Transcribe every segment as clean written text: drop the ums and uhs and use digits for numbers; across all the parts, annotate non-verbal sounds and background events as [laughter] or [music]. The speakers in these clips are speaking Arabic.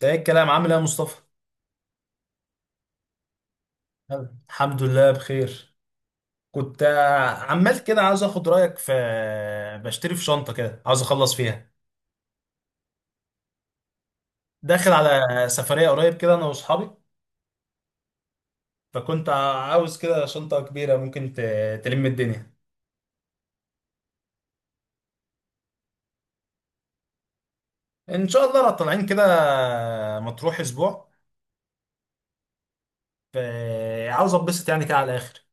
ده ايه الكلام؟ عامل ايه يا مصطفى؟ الحمد لله، بخير. كنت عمال كده عاوز اخد رايك في، بشتري في شنطه كده، عاوز اخلص فيها. داخل على سفريه قريب كده، انا واصحابي. فكنت عاوز كده شنطه كبيره ممكن تلم الدنيا. ان شاء الله، لو طالعين كده مطروح اسبوع. ف- عاوز اتبسط يعني كده على الاخر.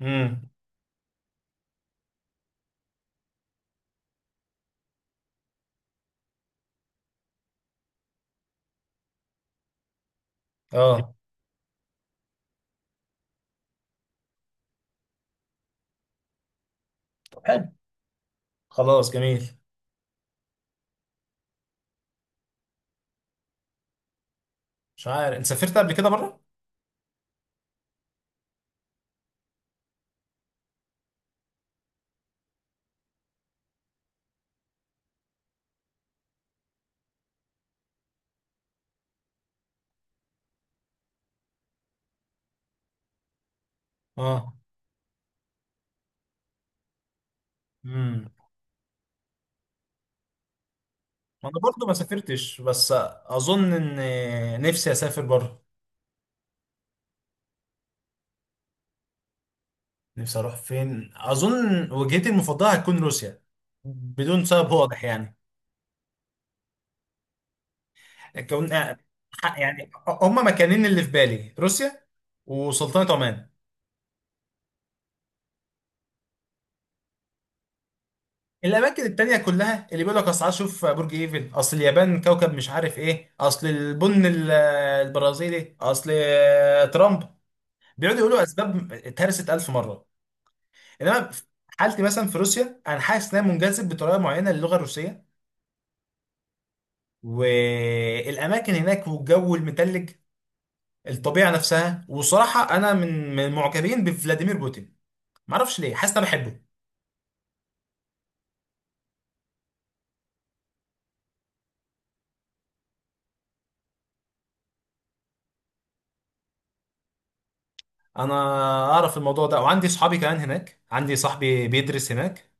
امم. اه، طب حلو. خلاص، جميل. مش عارف، انت سافرت قبل كده بره؟ اه، ما انا برضه ما سافرتش، بس اظن ان نفسي اسافر بره. نفسي اروح فين؟ اظن وجهتي المفضله هتكون روسيا، بدون سبب واضح يعني. كون يعني هما مكانين اللي في بالي: روسيا وسلطنه عمان. الاماكن التانية كلها اللي بيقول لك اصل عايز اشوف برج ايفل، اصل اليابان كوكب مش عارف ايه، اصل البن البرازيلي، اصل ترامب، بيقعدوا يقولوا اسباب اتهرست الف مره. انما في حالتي مثلا في روسيا، انا حاسس ان انا منجذب بطريقه معينه للغه الروسيه، والاماكن هناك والجو المتلج، الطبيعه نفسها. وصراحه انا من المعجبين بفلاديمير بوتين. ما اعرفش ليه، حاسس إن انا بحبه. انا اعرف الموضوع ده، وعندي صحابي كمان هناك، عندي صاحبي بيدرس هناك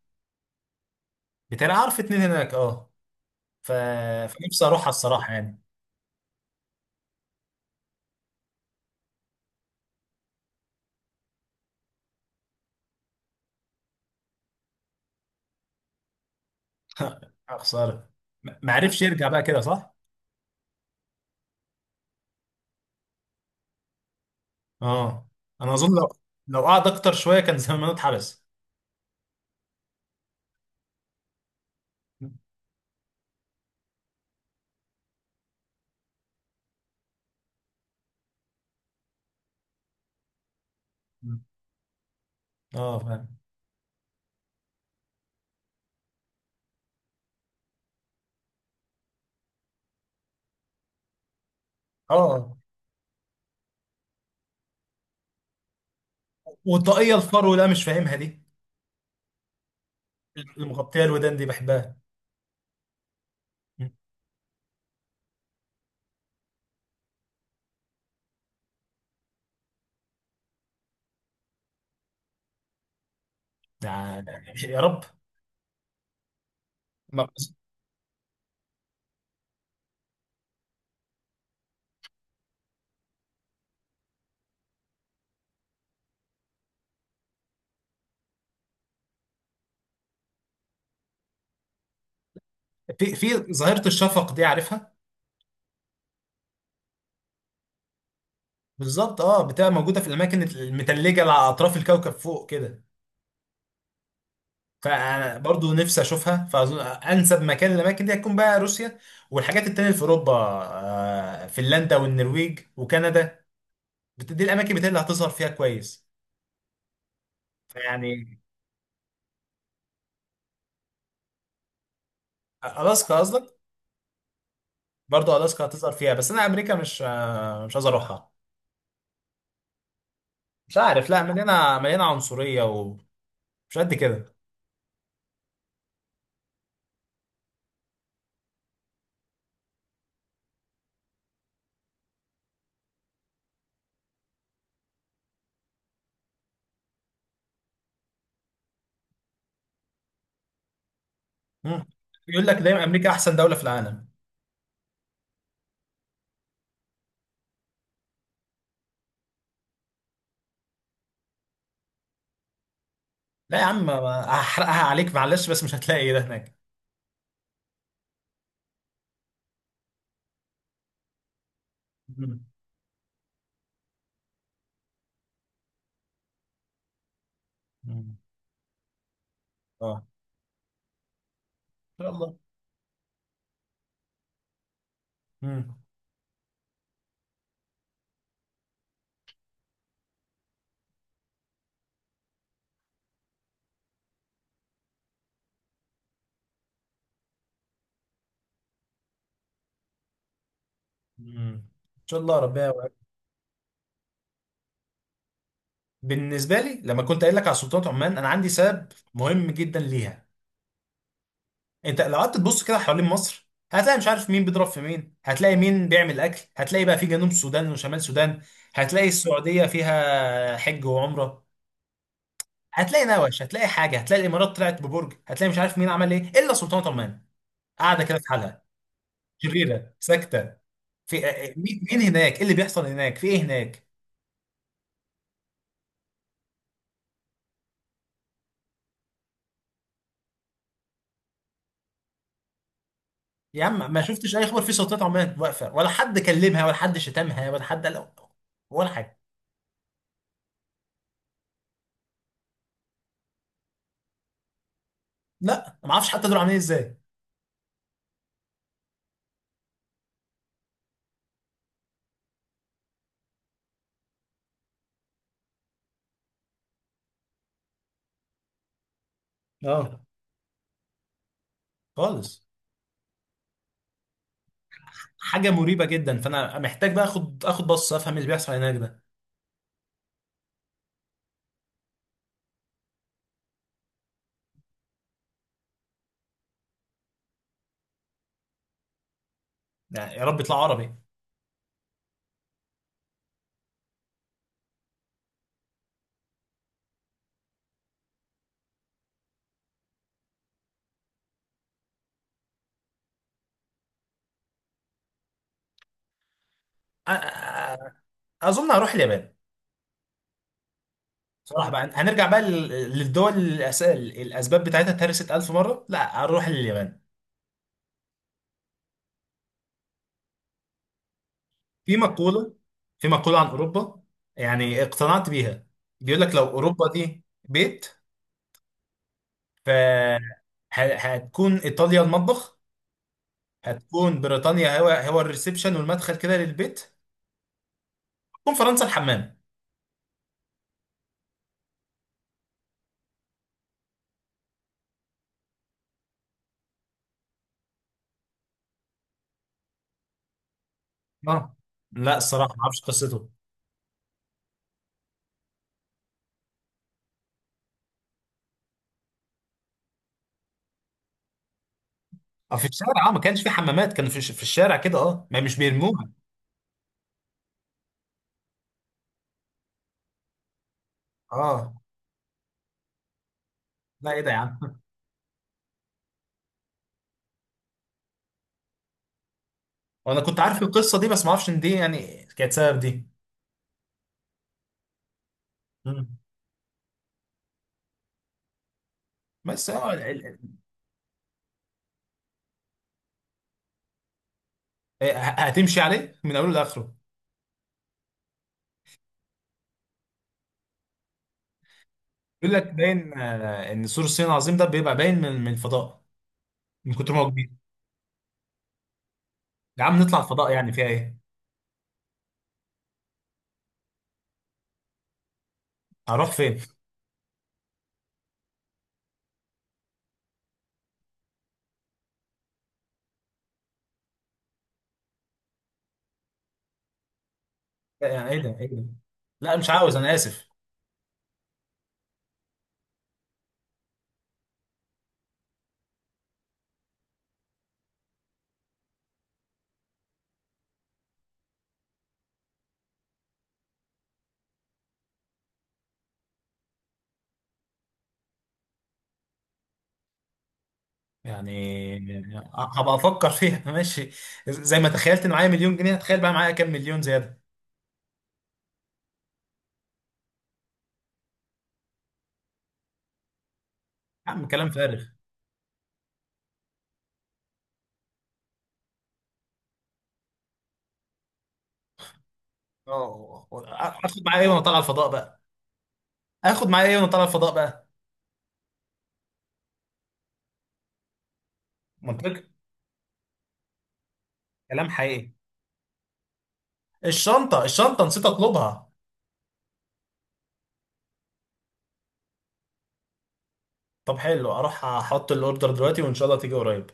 بتاعي، اعرف اتنين هناك، اه. ف... فنفسي اروحها الصراحه يعني. [laughs] يا خساره. ما عرفش يرجع بقى كده، صح؟ اه، انا اظن لو قعد اكتر شويه كان زمانه اتحبس. اه، فاهم. اه، والطاقية الفرو لا مش فاهمها دي، المغطية الودان دي بحبها. ده يا رب. ما- في ظاهرة الشفق دي، عارفها؟ بالظبط، اه، بتبقى موجودة في الأماكن المتلجة على أطراف الكوكب فوق كده. فأنا برضو نفسي أشوفها، فأظن أنسب مكان للأماكن دي هتكون بقى روسيا. والحاجات التانية اللي في أوروبا، فنلندا والنرويج وكندا. دي الأماكن بتاعتي اللي هتظهر فيها كويس. يعني ألاسكا قصدك؟ برضه الاسكا هتظهر فيها، بس انا امريكا مش عايز اروحها. مش عارف، لا، مليانه مليانه عنصريه ومش قد كده. مم. يقول لك دايما امريكا احسن دوله في العالم. لا يا عم، هحرقها عليك معلش، بس مش هتلاقي إيه ده هناك. مم. مم. اه. ان شاء الله. مم. مم. ان شاء الله ربنا يوفقك. بالنسبه لي، لما كنت قايل لك على سلطنه عمان، انا عندي سبب مهم جدا ليها. انت لو قعدت تبص كده حوالين مصر، هتلاقي مش عارف مين بيضرب في مين، هتلاقي مين بيعمل اكل، هتلاقي بقى في جنوب سودان وشمال سودان، هتلاقي السعوديه فيها حج وعمره، هتلاقي نوش، هتلاقي حاجه، هتلاقي الامارات طلعت ببرج، هتلاقي مش عارف مين عمل ايه، الا سلطنه عمان، قاعده كده في حالها، شريره، ساكته. في مين هناك؟ ايه اللي بيحصل هناك؟ في ايه هناك؟ يا عم ما شفتش اي خبر في سلطنه عمان، واقفه، ولا حد كلمها ولا حد شتمها ولا حد قال ولا حاجه. لا، ما اعرفش حتى دول عاملين ازاي. اه. خالص. حاجه مريبه جدا، فانا محتاج بقى اخد بص افهم اللي بيحصل هناك ده. يعني يا رب يطلع عربي. أ- أ- أ- اظن هروح اليابان. صراحه بقى هنرجع بقى للدول، الاسباب بتاعتها اتهرست 1000 مره، لا هروح اليابان. في مقوله في مقوله عن اوروبا يعني اقتنعت بيها. بيقول لك لو اوروبا دي بيت، ف هتكون ايطاليا المطبخ، هتكون بريطانيا هو الريسبشن والمدخل كده للبيت، هتكون فرنسا الحمام. اه. لا، الصراحه ما اعرفش قصته. اه، في الشارع، اه، ما كانش في حمامات، كانوا في الشارع كده، اه، ما مش بيرموها. اه. لا، ايه ده يا عم! [laughs] وانا كنت عارف القصه دي، بس ما اعرفش ان دي يعني كانت سبب دي. مم. بس. اه، هتمشي عليه من اوله لاخره. يقول لك باين، ان سور الصين العظيم ده بيبقى باين من الفضاء، من كتر ما هو كبير. يا عم نطلع الفضاء، يعني فيها ايه؟ هروح فين؟ لا، يعني ايه ده؟ ايه ده؟ لا مش عاوز، انا اسف. يعني هبقى افكر فيها. [laughs] ماشي. زي ما تخيلت ان معايا مليون جنيه، هتخيل بقى معايا كام مليون زياده. يا عم، كلام فارغ. اه. هاخد معايا ايه وانا طالع الفضاء بقى؟ هاخد معايا ايه وانا طالع الفضاء بقى؟ منطق. كلام حقيقي. الشنطه، الشنطه، نسيت اطلبها. طب حلو، اروح احط الاوردر دلوقتي، وان شاء الله تيجي قريب.